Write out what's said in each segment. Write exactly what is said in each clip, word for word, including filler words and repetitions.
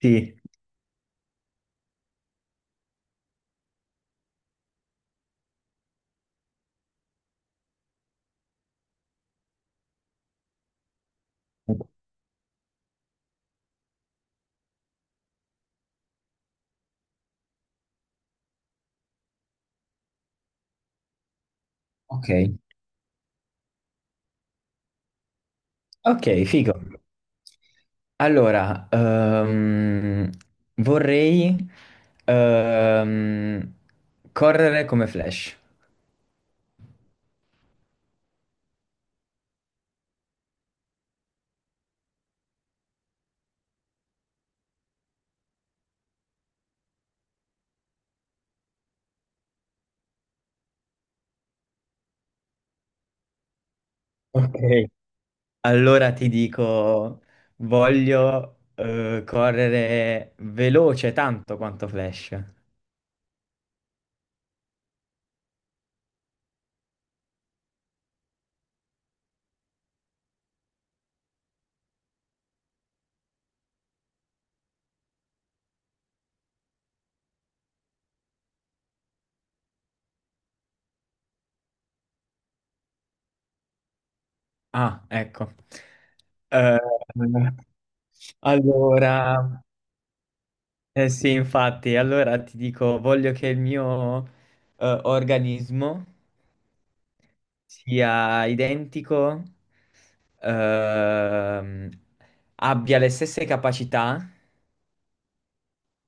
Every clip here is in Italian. Sì. Ok, ok, figo. Allora, ehm, vorrei ehm, correre come Flash. Ok. Allora ti dico, voglio eh, correre veloce tanto quanto Flash. Ah, ecco. Eh, allora, eh sì, infatti, allora ti dico, voglio che il mio eh, organismo sia identico, ehm, abbia le stesse capacità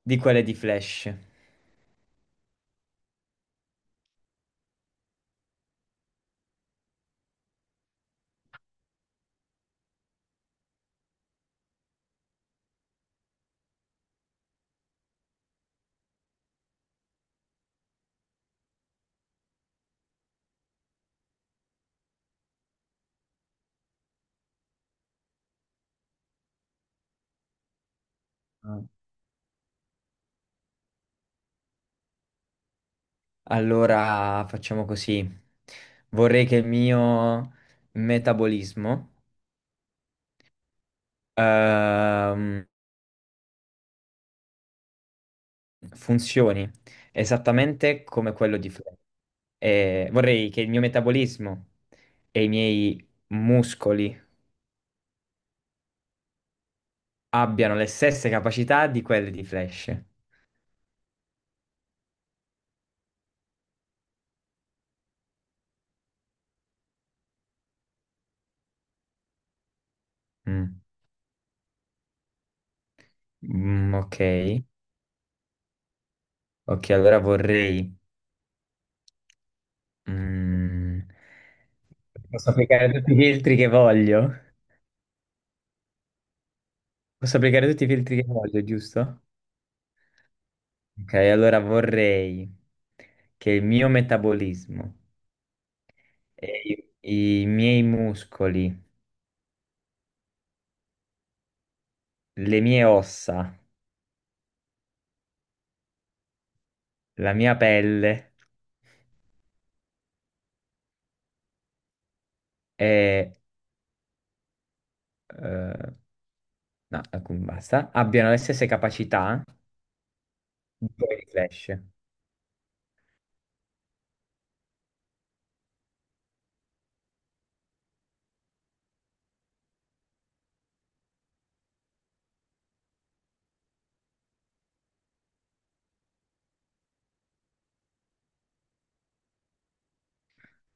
di quelle di Flash. Ah, allora facciamo così. Vorrei che il mio metabolismo ehm, funzioni esattamente come quello di Flash. E vorrei che il mio metabolismo e i miei muscoli abbiano le stesse capacità di quelle di Flash. Mm. Mm, ok. Ok, allora vorrei, mm, posso applicare tutti i filtri che voglio? Posso applicare tutti i filtri che voglio, giusto? Ok, allora vorrei che il mio metabolismo, e i, i miei muscoli, le mie ossa, la mia pelle e eh, no, ecco, basta, abbiano le stesse capacità di quelli di Flash.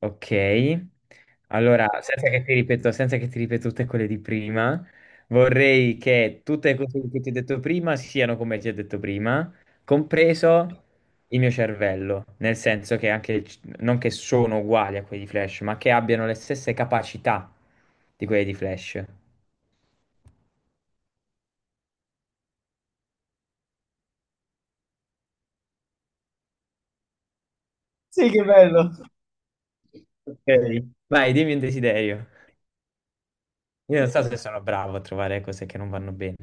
Ok, allora senza che ti ripeto, senza che ti ripeto tutte quelle di prima, vorrei che tutte le cose che ti ho detto prima siano come ti ho detto prima, compreso il mio cervello, nel senso che anche, non che sono uguali a quelli di Flash, ma che abbiano le stesse capacità di quelli di Flash. Sì, che bello. Ok. Vai, dimmi un desiderio. Io non so se sono bravo a trovare cose che non vanno bene.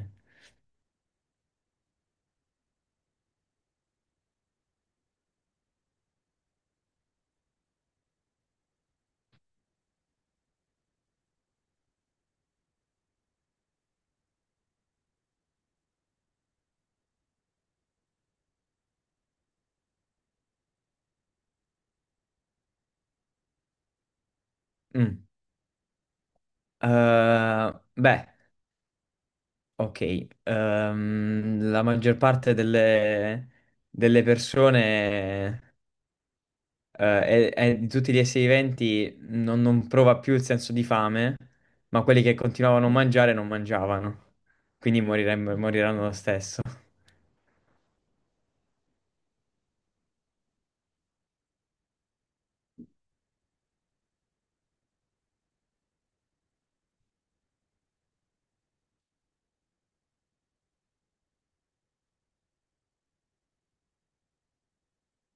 Mm. Eh, beh. Ok, ehm, la maggior parte delle, delle persone eh, e- e di tutti gli esseri viventi non, non prova più il senso di fame, ma quelli che continuavano a mangiare non mangiavano, quindi moriremmo- moriranno lo stesso.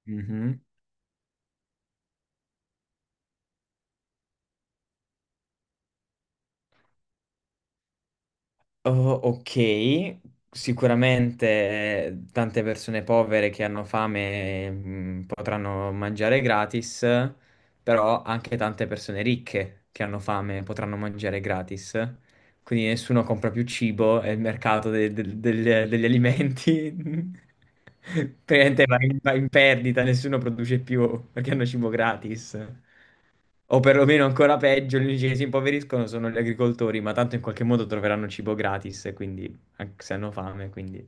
Mhm. Oh, ok, sicuramente eh, tante persone povere che hanno fame, mm, potranno mangiare gratis, però anche tante persone ricche che hanno fame potranno mangiare gratis, quindi nessuno compra più cibo e il mercato de- de- del- degli alimenti praticamente va in, va in perdita, nessuno produce più perché hanno cibo gratis. O perlomeno ancora peggio, gli unici che si impoveriscono sono gli agricoltori, ma tanto in qualche modo troveranno cibo gratis, e quindi anche se hanno fame, quindi...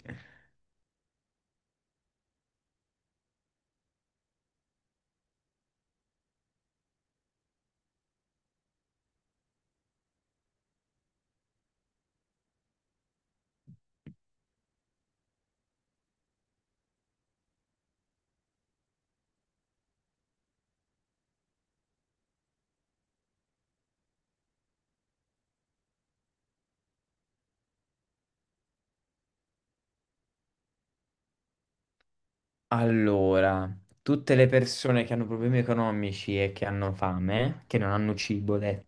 Allora, tutte le persone che hanno problemi economici e che hanno fame, che non hanno cibo, le-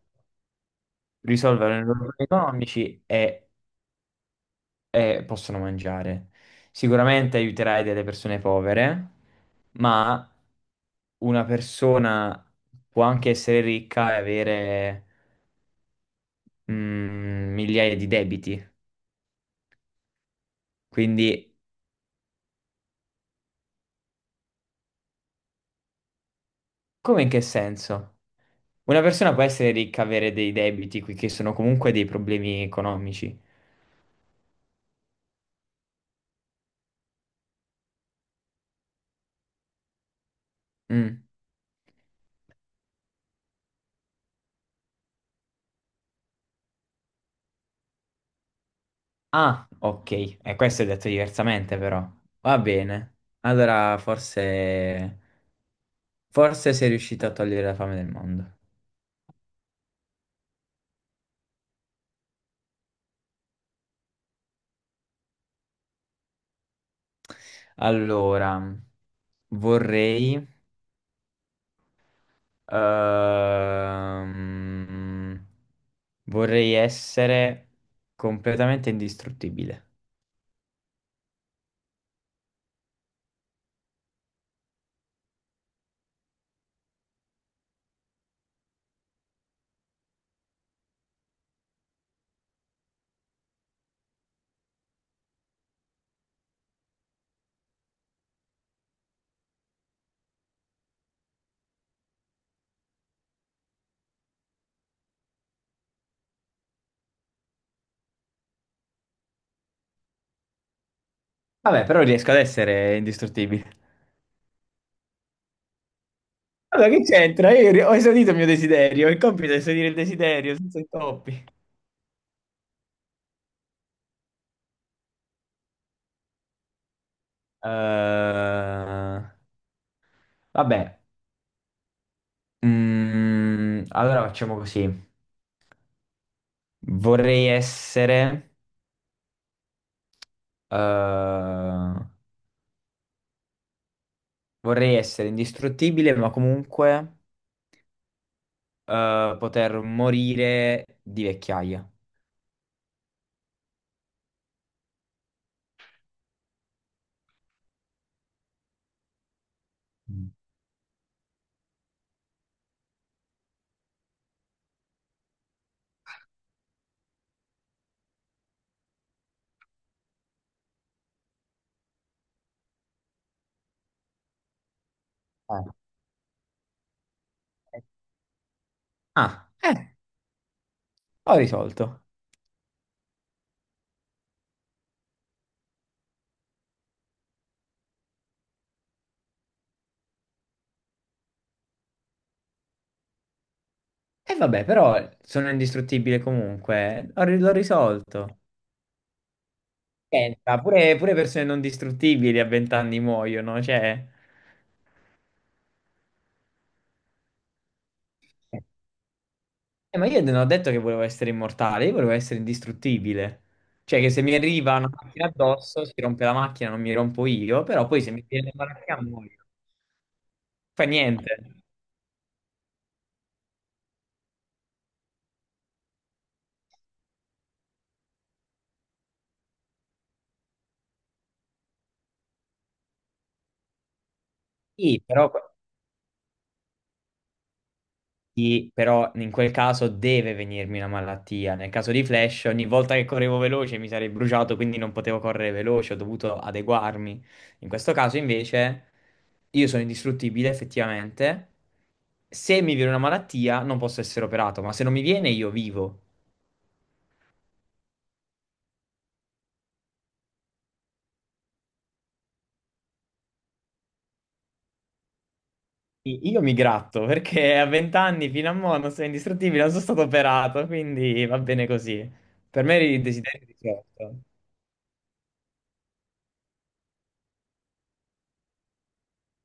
risolvono i loro problemi economici e e possono mangiare. Sicuramente aiuterai delle persone povere, ma una persona può anche essere ricca e avere, mm, migliaia di debiti. Quindi, come in che senso? Una persona può essere ricca, avere dei debiti, qui che sono comunque dei problemi economici. Mm. Ah, ok. E questo è detto diversamente, però. Va bene. Allora, forse... Forse sei riuscito a togliere la fame del mondo. Allora, vorrei... ehm, vorrei essere completamente indistruttibile. Vabbè, però riesco ad essere indistruttibile. Allora, che c'entra? Io ri- ho esaudito il mio desiderio. Il compito è esaudire il desiderio, senza intoppi. Eh, vabbè, mm, allora facciamo così. Vorrei essere, eh, Vorrei essere indistruttibile, ma comunque eh, poter morire di vecchiaia. Mm. Eh. Ah, eh, ho risolto. E vabbè, però sono indistruttibile comunque. Ho ri- L'ho risolto. Pensa, pure, pure persone non distruttibili a vent'anni muoiono, cioè... Eh, ma io non ho detto che volevo essere immortale, io volevo essere indistruttibile. Cioè che se mi arriva una macchina addosso, si rompe la macchina, non mi rompo io, però poi se mi viene la macchina muoio. Fa niente. Sì, però... Sì, però in quel caso deve venirmi una malattia. Nel caso di Flash, ogni volta che correvo veloce mi sarei bruciato, quindi non potevo correre veloce, ho dovuto adeguarmi. In questo caso, invece, io sono indistruttibile effettivamente. Se mi viene una malattia, non posso essere operato, ma se non mi viene, io vivo. I- Io mi gratto perché a venti anni fino a mo non sono indistruttibile, non sono stato operato, quindi va bene così. Per me eri il desiderio di certo.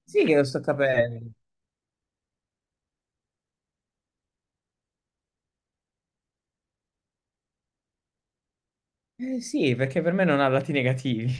Sì che lo sto capendo. Eh sì, perché per me non ha lati negativi.